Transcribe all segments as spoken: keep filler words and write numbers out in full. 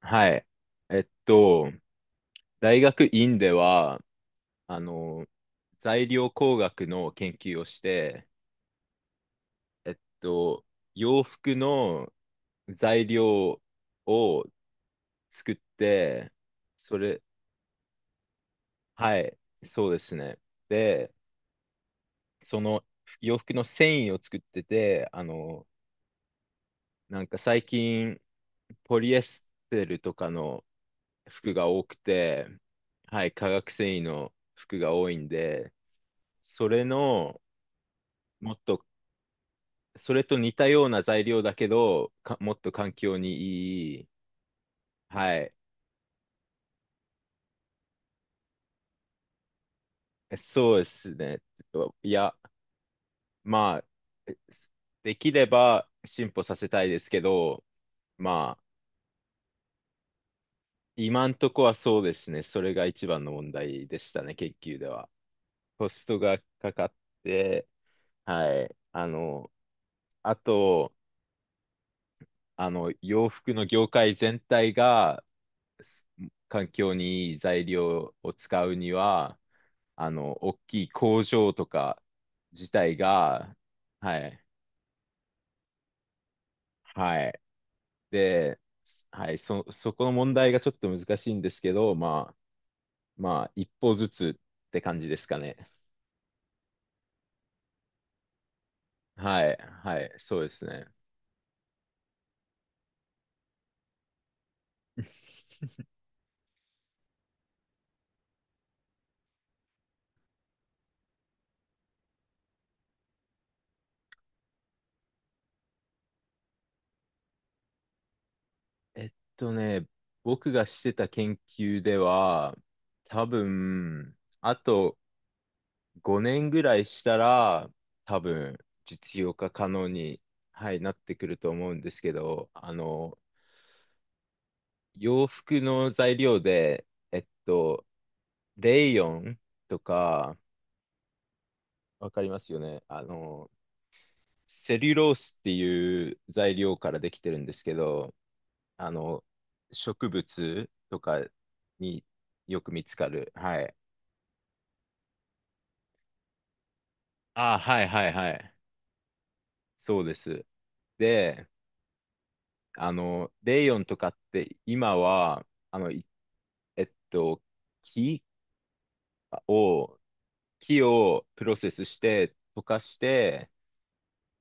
はい。えっと、大学院では、あの、材料工学の研究をして、えっと、洋服の材料を作って、それ、はい、そうですね。で、その洋服の繊維を作ってて、あの、なんか最近、ポリエステルとかの服が多くて、はい、化学繊維の服が多いんで、それの、もっと、それと似たような材料だけど、かもっと環境にいい。はい。そうですね。いや、まあ、できれば進歩させたいですけど、まあ、今んとこはそうですね。それが一番の問題でしたね、研究では。コストがかかって、はい。あの、あと、あの、洋服の業界全体が、す環境にいい材料を使うには、あの、大きい工場とか自体が、はい、はい。で、はい、そ、そこの問題がちょっと難しいんですけど、まあ、まあ、一歩ずつって感じですかね。はい、はい、そうですね。えっとね、僕がしてた研究では、多分、あと、ごねんぐらいしたら、多分、実用化可能に、はい、なってくると思うんですけど、あの、洋服の材料で、えっと、レイヨンとか、わかりますよね。あの、セリュロースっていう材料からできてるんですけど、あの、植物とかによく見つかる。はい。あ、はいはいはい。そうです。で、あの、レイヨンとかって今は、あの、いえっと、木を、木をプロセスして、溶かして、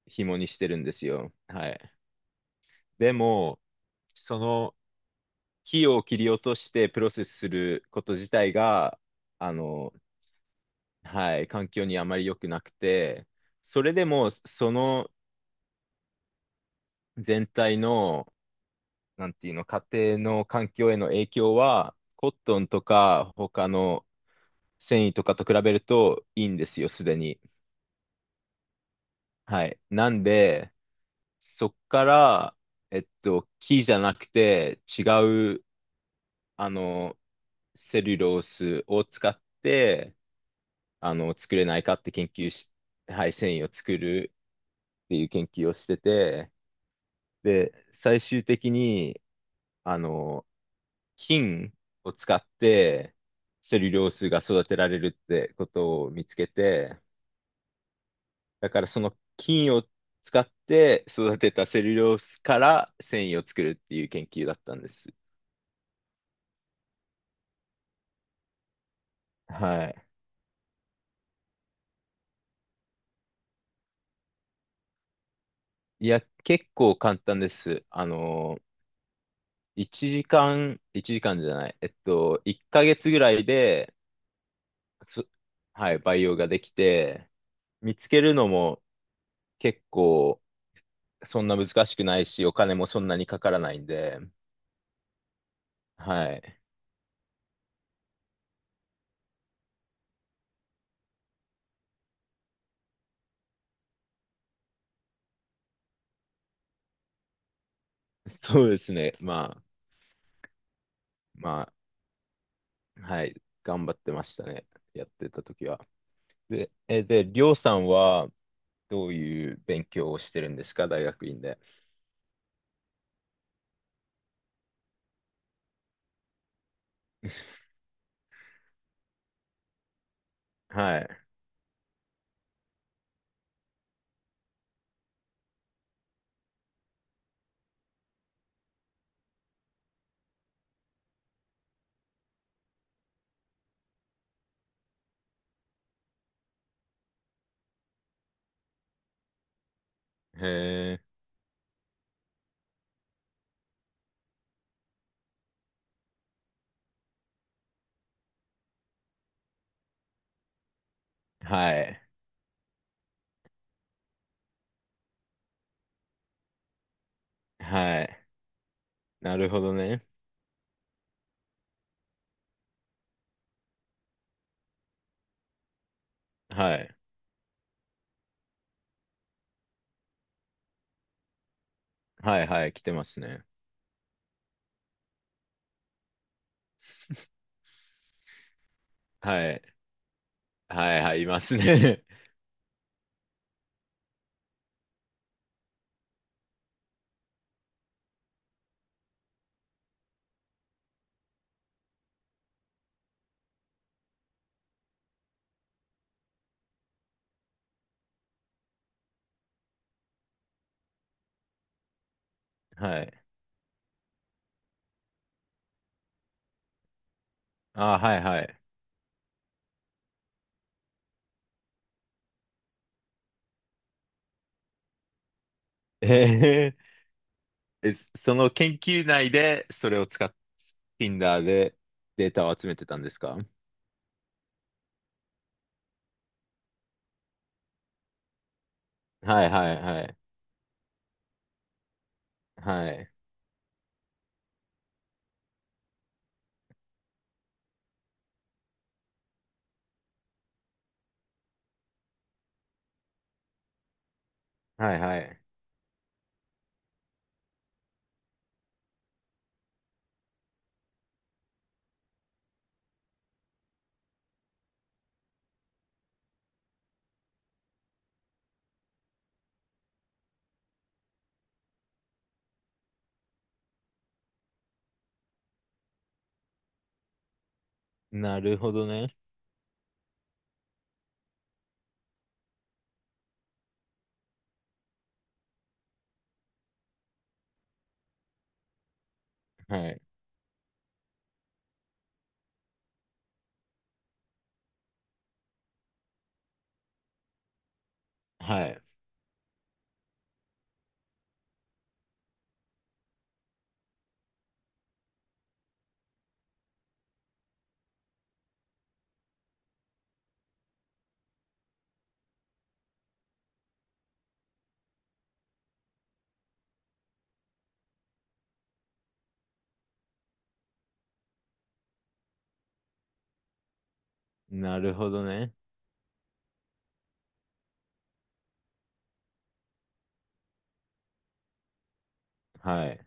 紐にしてるんですよ。はい。でも、その木を切り落としてプロセスすること自体が、あの、はい、環境にあまり良くなくて、それでも、その全体の、なんていうの、家庭の環境への影響は、コットンとか他の繊維とかと比べるといいんですよ、すでに。はい。なんで、そっから、えっと、木じゃなくて違う、あの、セルロースを使って、あの、作れないかって研究し、はい、繊維を作るっていう研究をしてて、で、最終的に、あの、菌を使ってセルロースが育てられるってことを見つけて、だからその菌を使って育てたセルロースから繊維を作るっていう研究だったんです。はい。いや、結構簡単です。あの、いちじかん、いちじかんじゃない、えっと、いっかげつぐらいで、そはい、培養ができて、見つけるのも結構そんな難しくないし、お金もそんなにかからないんで、はい。そうですね。まあ、まあ、はい。頑張ってましたね。やってた時は。で、え、で、りょうさんはどういう勉強をしてるんですか、大学院で。はい。へえ、はい。はい。なるほどね。はい。はい、はい、来てますね。はい。はい、はい、いますね。はい。あ、はい、はい。えーえ、その研究内でそれを使っ、Tinder でデータを集めてたんですか？はい、はい、はい。はい。はい、はい。なるほどね。はい。はい。なるほどね。はい。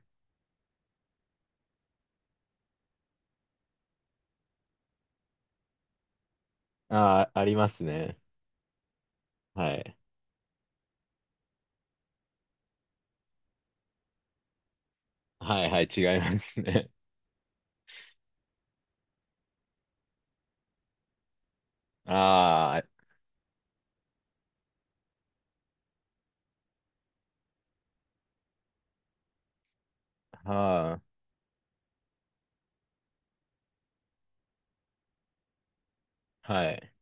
ああ、ありますね。はい。はいはい、違いますね。ああ、はあ、はい。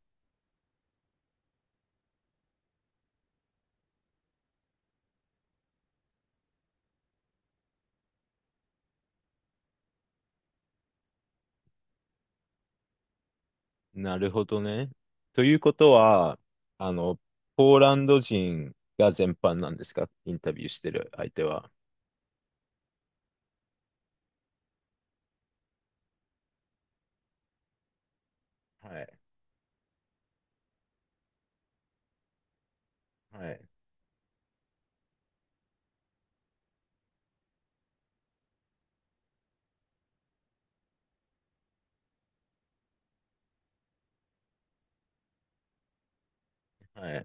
なるほどね。ということは、あの、ポーランド人が全般なんですか、インタビューしてる相手は。はい、はい、はい、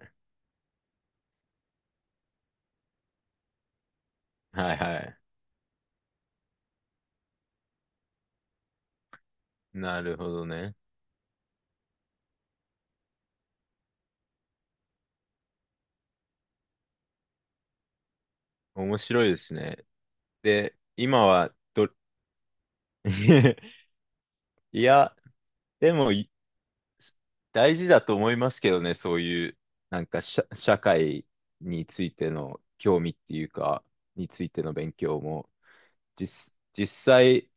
はい、はい。なるほどね。面白いですね。で、今はど、いや、でも、大事だと思いますけどね、そういう、なんか社、社会についての興味っていうか、についての勉強も、実、実際、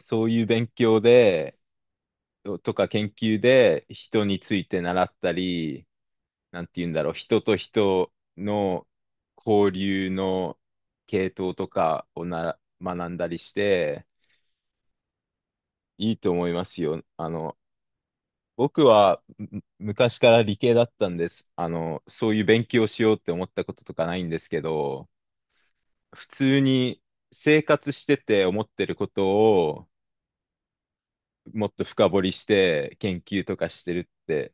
そういう勉強で、とか研究で人について習ったり、なんて言うんだろう、人と人の交流の系統とかをな、学んだりして、いいと思いますよ。あの、僕はむ昔から理系だったんです。あの、そういう勉強しようって思ったこととかないんですけど、普通に生活してて思ってることをもっと深掘りして研究とかしてるって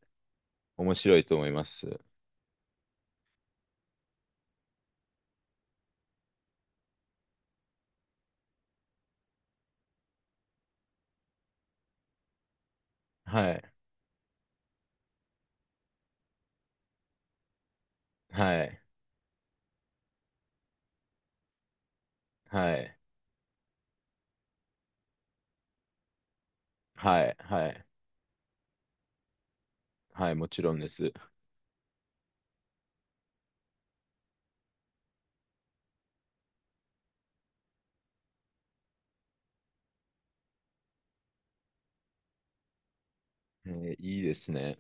面白いと思います。はい。はい。はい。はい。はい。はい。もちろんです。えーいいですね。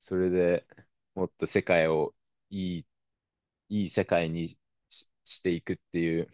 それでもっと世界をいい、いい世界にし、していくっていう。